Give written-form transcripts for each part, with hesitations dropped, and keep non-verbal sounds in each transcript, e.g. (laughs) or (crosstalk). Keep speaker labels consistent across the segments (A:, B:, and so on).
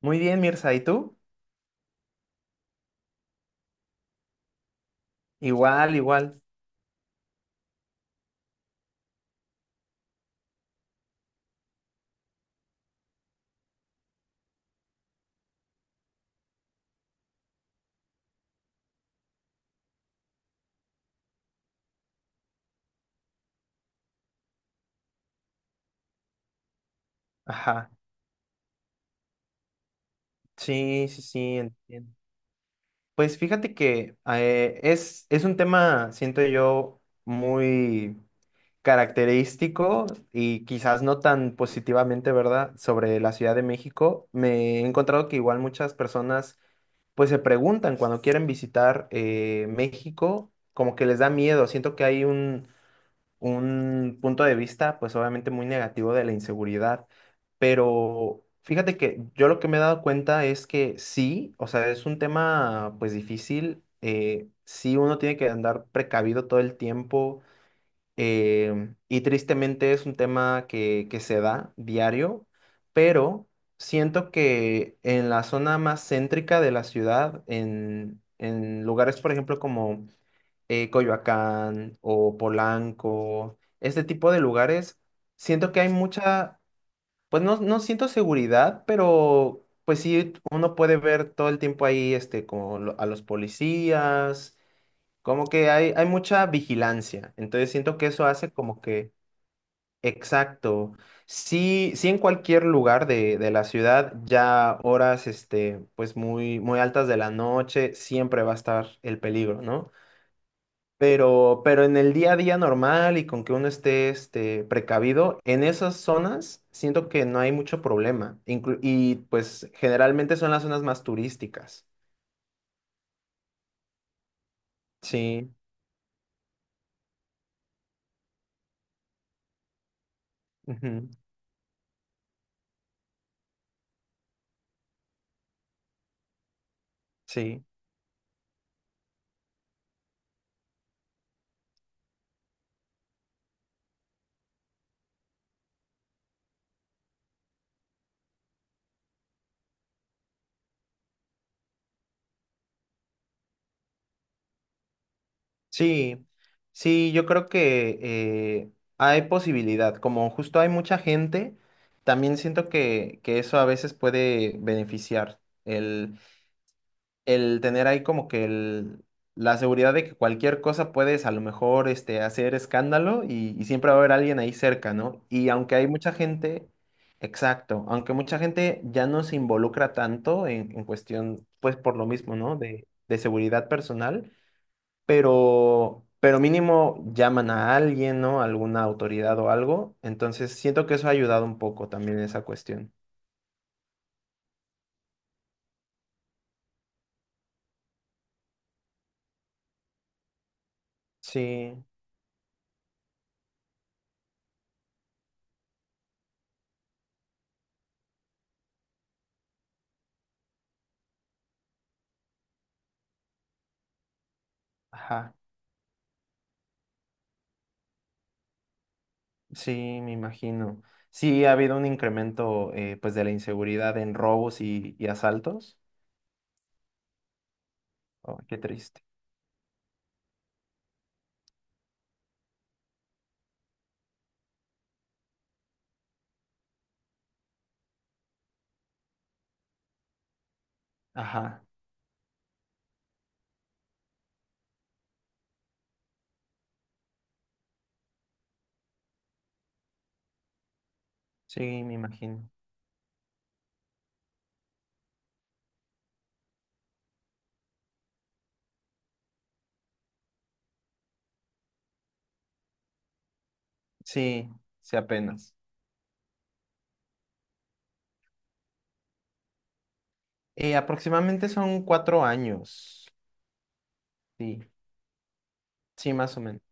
A: Muy bien, Mirza, ¿y tú? Igual, igual. Ajá. Sí, sí, sí, entiendo. Pues fíjate que es un tema, siento yo, muy característico y quizás no tan positivamente, ¿verdad?, sobre la Ciudad de México. Me he encontrado que igual muchas personas pues se preguntan cuando quieren visitar México, como que les da miedo. Siento que hay un punto de vista, pues obviamente muy negativo de la inseguridad, pero fíjate que yo lo que me he dado cuenta es que sí, o sea, es un tema pues difícil, sí uno tiene que andar precavido todo el tiempo, y tristemente es un tema que se da diario, pero siento que en la zona más céntrica de la ciudad, en lugares, por ejemplo, como Coyoacán o Polanco, este tipo de lugares, siento que hay mucha, pues no siento seguridad, pero pues sí, uno puede ver todo el tiempo ahí este, como a los policías, como que hay mucha vigilancia, entonces siento que eso hace como que, exacto, sí, sí en cualquier lugar de la ciudad, ya horas este, pues muy, muy altas de la noche, siempre va a estar el peligro, ¿no? Pero en el día a día normal y con que uno esté este, precavido, en esas zonas siento que no hay mucho problema. Y pues generalmente son las zonas más turísticas. Sí, ujú, sí, sí, sí, yo creo que eh, hay posibilidad. Como justo hay mucha gente, también siento que eso a veces puede beneficiar el tener ahí como que el, la seguridad de que cualquier cosa puedes a lo mejor este, hacer escándalo y siempre va a haber alguien ahí cerca, ¿no? Y aunque hay mucha gente, exacto, aunque mucha gente ya no se involucra tanto en cuestión, pues por lo mismo, ¿no? De seguridad personal, pero mínimo llaman a alguien, ¿no? Alguna autoridad o algo. Entonces siento que eso ha ayudado un poco también esa cuestión. Sí, ajá. Sí, me imagino. Sí, ha habido un incremento pues de la inseguridad en robos y asaltos. Oh, qué triste. Ajá, sí, me imagino. Sí, sí, apenas. Aproximadamente son 4 años. Sí, sí, más o menos.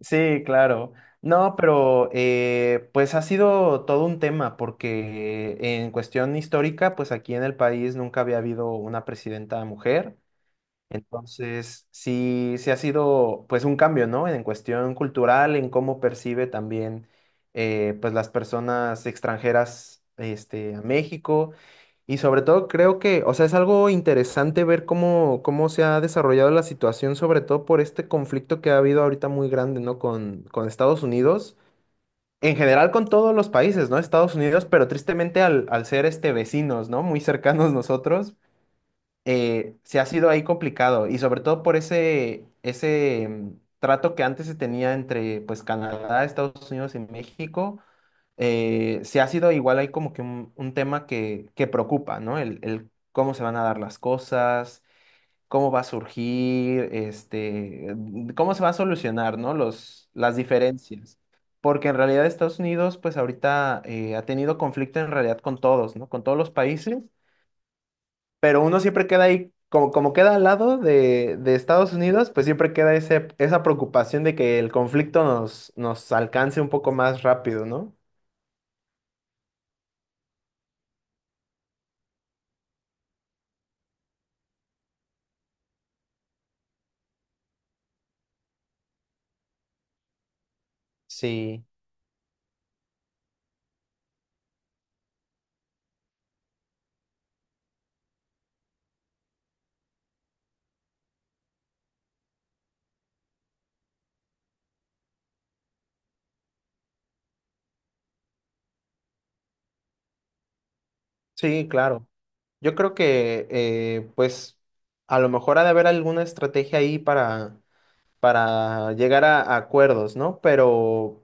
A: Sí, claro. No, pero pues ha sido todo un tema porque en cuestión histórica, pues aquí en el país nunca había habido una presidenta mujer. Entonces, sí, sí ha sido pues un cambio, ¿no? En cuestión cultural, en cómo percibe también pues las personas extranjeras este, a México. Y sobre todo creo que, o sea, es algo interesante ver cómo, cómo se ha desarrollado la situación, sobre todo por este conflicto que ha habido ahorita muy grande, ¿no? Con Estados Unidos. En general con todos los países, ¿no? Estados Unidos, pero tristemente al ser este vecinos, ¿no? Muy cercanos (laughs) nosotros, se ha sido ahí complicado y sobre todo por ese, ese trato que antes se tenía entre pues Canadá, Estados Unidos y México, se ha sido igual ahí como que un tema que preocupa, ¿no? El cómo se van a dar las cosas, cómo va a surgir, este, cómo se va a solucionar, ¿no? Los, las diferencias. Porque en realidad Estados Unidos, pues ahorita ha tenido conflicto en realidad con todos, ¿no? Con todos los países pero uno siempre queda ahí, como, como queda al lado de Estados Unidos, pues siempre queda ese, esa preocupación de que el conflicto nos alcance un poco más rápido, ¿no? Sí, sí, claro. Yo creo que, pues, a lo mejor ha de haber alguna estrategia ahí para llegar a acuerdos, ¿no?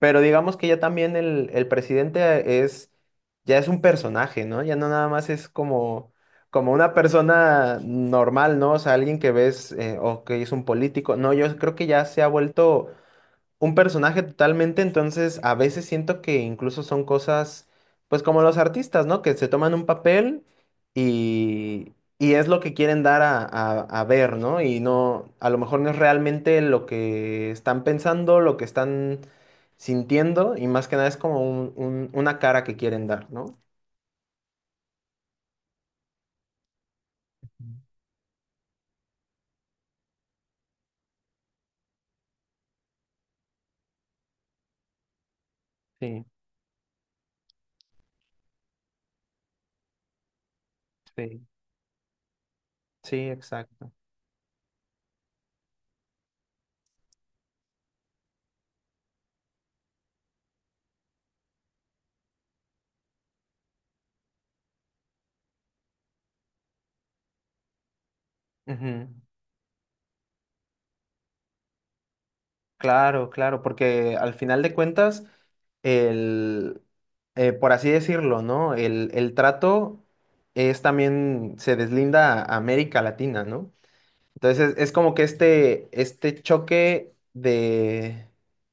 A: Pero digamos que ya también el presidente es, ya es un personaje, ¿no? Ya no nada más es como, como una persona normal, ¿no? O sea, alguien que ves o que es un político. No, yo creo que ya se ha vuelto un personaje totalmente, entonces a veces siento que incluso son cosas, pues como los artistas, ¿no? Que se toman un papel y es lo que quieren dar a, a ver, ¿no? Y no, a lo mejor no es realmente lo que están pensando, lo que están sintiendo, y más que nada es como una cara que quieren dar, ¿no? Sí, sí, sí, exacto. Ujú. Claro, claro, porque al final de cuentas, el, por así decirlo, ¿no? El trato es también, se deslinda a América Latina, ¿no? Entonces es como que este choque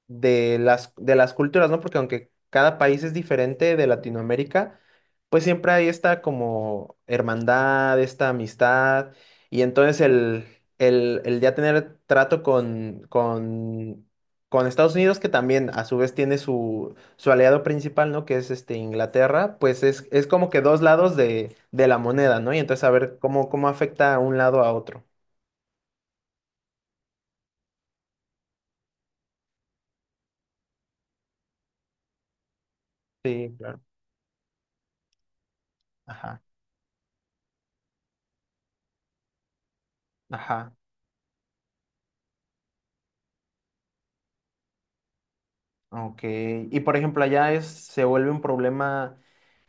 A: de las culturas, ¿no? Porque aunque cada país es diferente de Latinoamérica, pues siempre hay esta como hermandad, esta amistad, y entonces el ya tener trato con Estados Unidos, que también a su vez tiene su, su aliado principal, ¿no? Que es este Inglaterra, pues es como que dos lados de la moneda, ¿no? Y entonces a ver cómo, cómo afecta a un lado a otro. Sí, claro. Ajá, ajá. Ok. Y por ejemplo, allá es, se vuelve un problema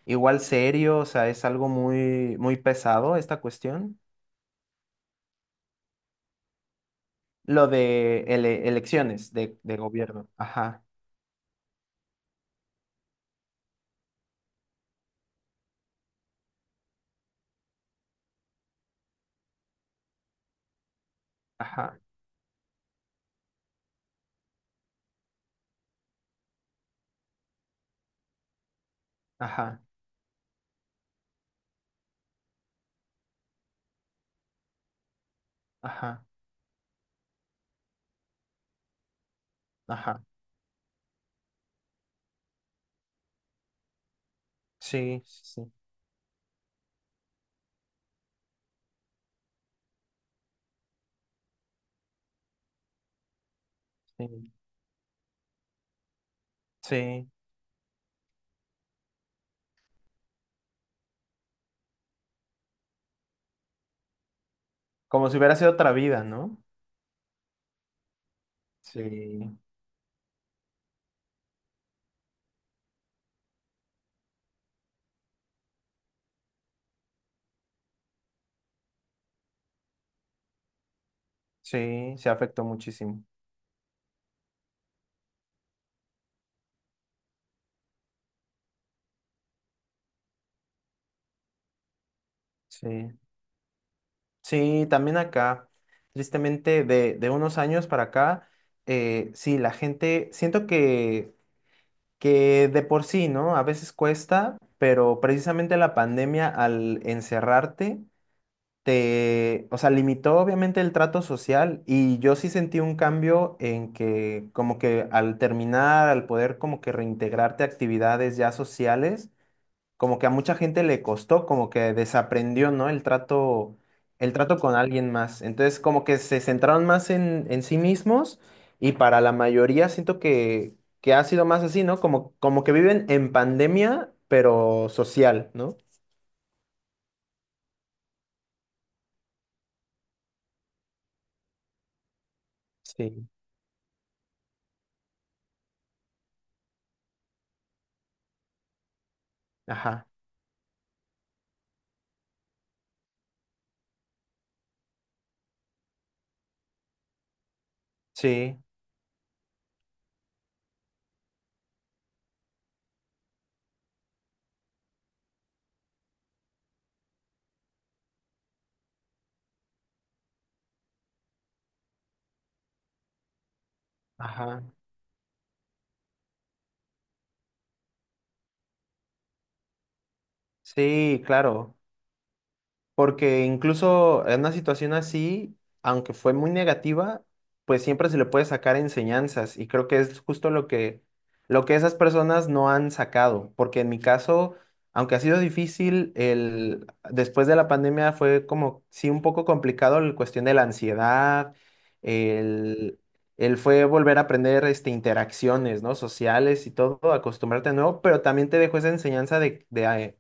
A: igual serio, o sea, es algo muy, muy pesado esta cuestión. Lo de elecciones de gobierno. Ajá, ajá, ajá, ajá, ajá. Sí, sí, sí. Sí. Como si hubiera sido otra vida, ¿no? Sí, sí, se afectó muchísimo. Sí. Sí, también acá, tristemente, de unos años para acá, sí, la gente, siento que de por sí, ¿no? A veces cuesta, pero precisamente la pandemia al encerrarte, te, o sea, limitó obviamente el trato social y yo sí sentí un cambio en que como que al terminar, al poder como que reintegrarte a actividades ya sociales, como que a mucha gente le costó, como que desaprendió, ¿no? El trato con alguien más. Entonces, como que se centraron más en sí mismos y para la mayoría siento que ha sido más así, ¿no? Como, como que viven en pandemia, pero social, ¿no? Sí. Ajá. Sí. Ajá. Sí, claro. Porque incluso en una situación así, aunque fue muy negativa, pues siempre se le puede sacar enseñanzas y creo que es justo lo que esas personas no han sacado, porque en mi caso, aunque ha sido difícil, el, después de la pandemia fue como, sí, un poco complicado la cuestión de la ansiedad, el, el fue volver a aprender este, interacciones, ¿no? sociales y todo, acostumbrarte a nuevo, pero también te dejó esa enseñanza de,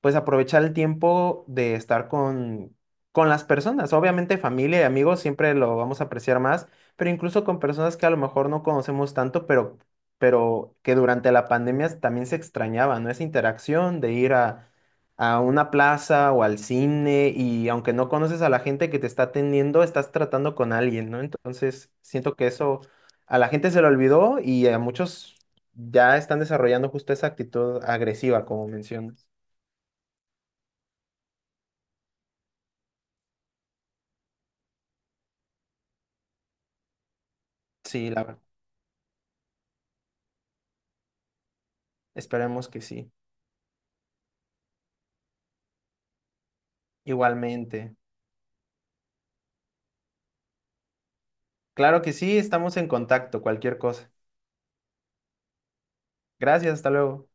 A: pues aprovechar el tiempo de estar con las personas. Obviamente familia y amigos siempre lo vamos a apreciar más, pero incluso con personas que a lo mejor no conocemos tanto, pero que durante la pandemia también se extrañaba, ¿no? Esa interacción de ir a una plaza o al cine y aunque no conoces a la gente que te está atendiendo, estás tratando con alguien, ¿no? Entonces siento que eso a la gente se lo olvidó y a muchos... Ya están desarrollando justo esa actitud agresiva, como mencionas. Sí, la verdad. Esperemos que sí. Igualmente. Claro que sí, estamos en contacto, cualquier cosa. Gracias, hasta luego.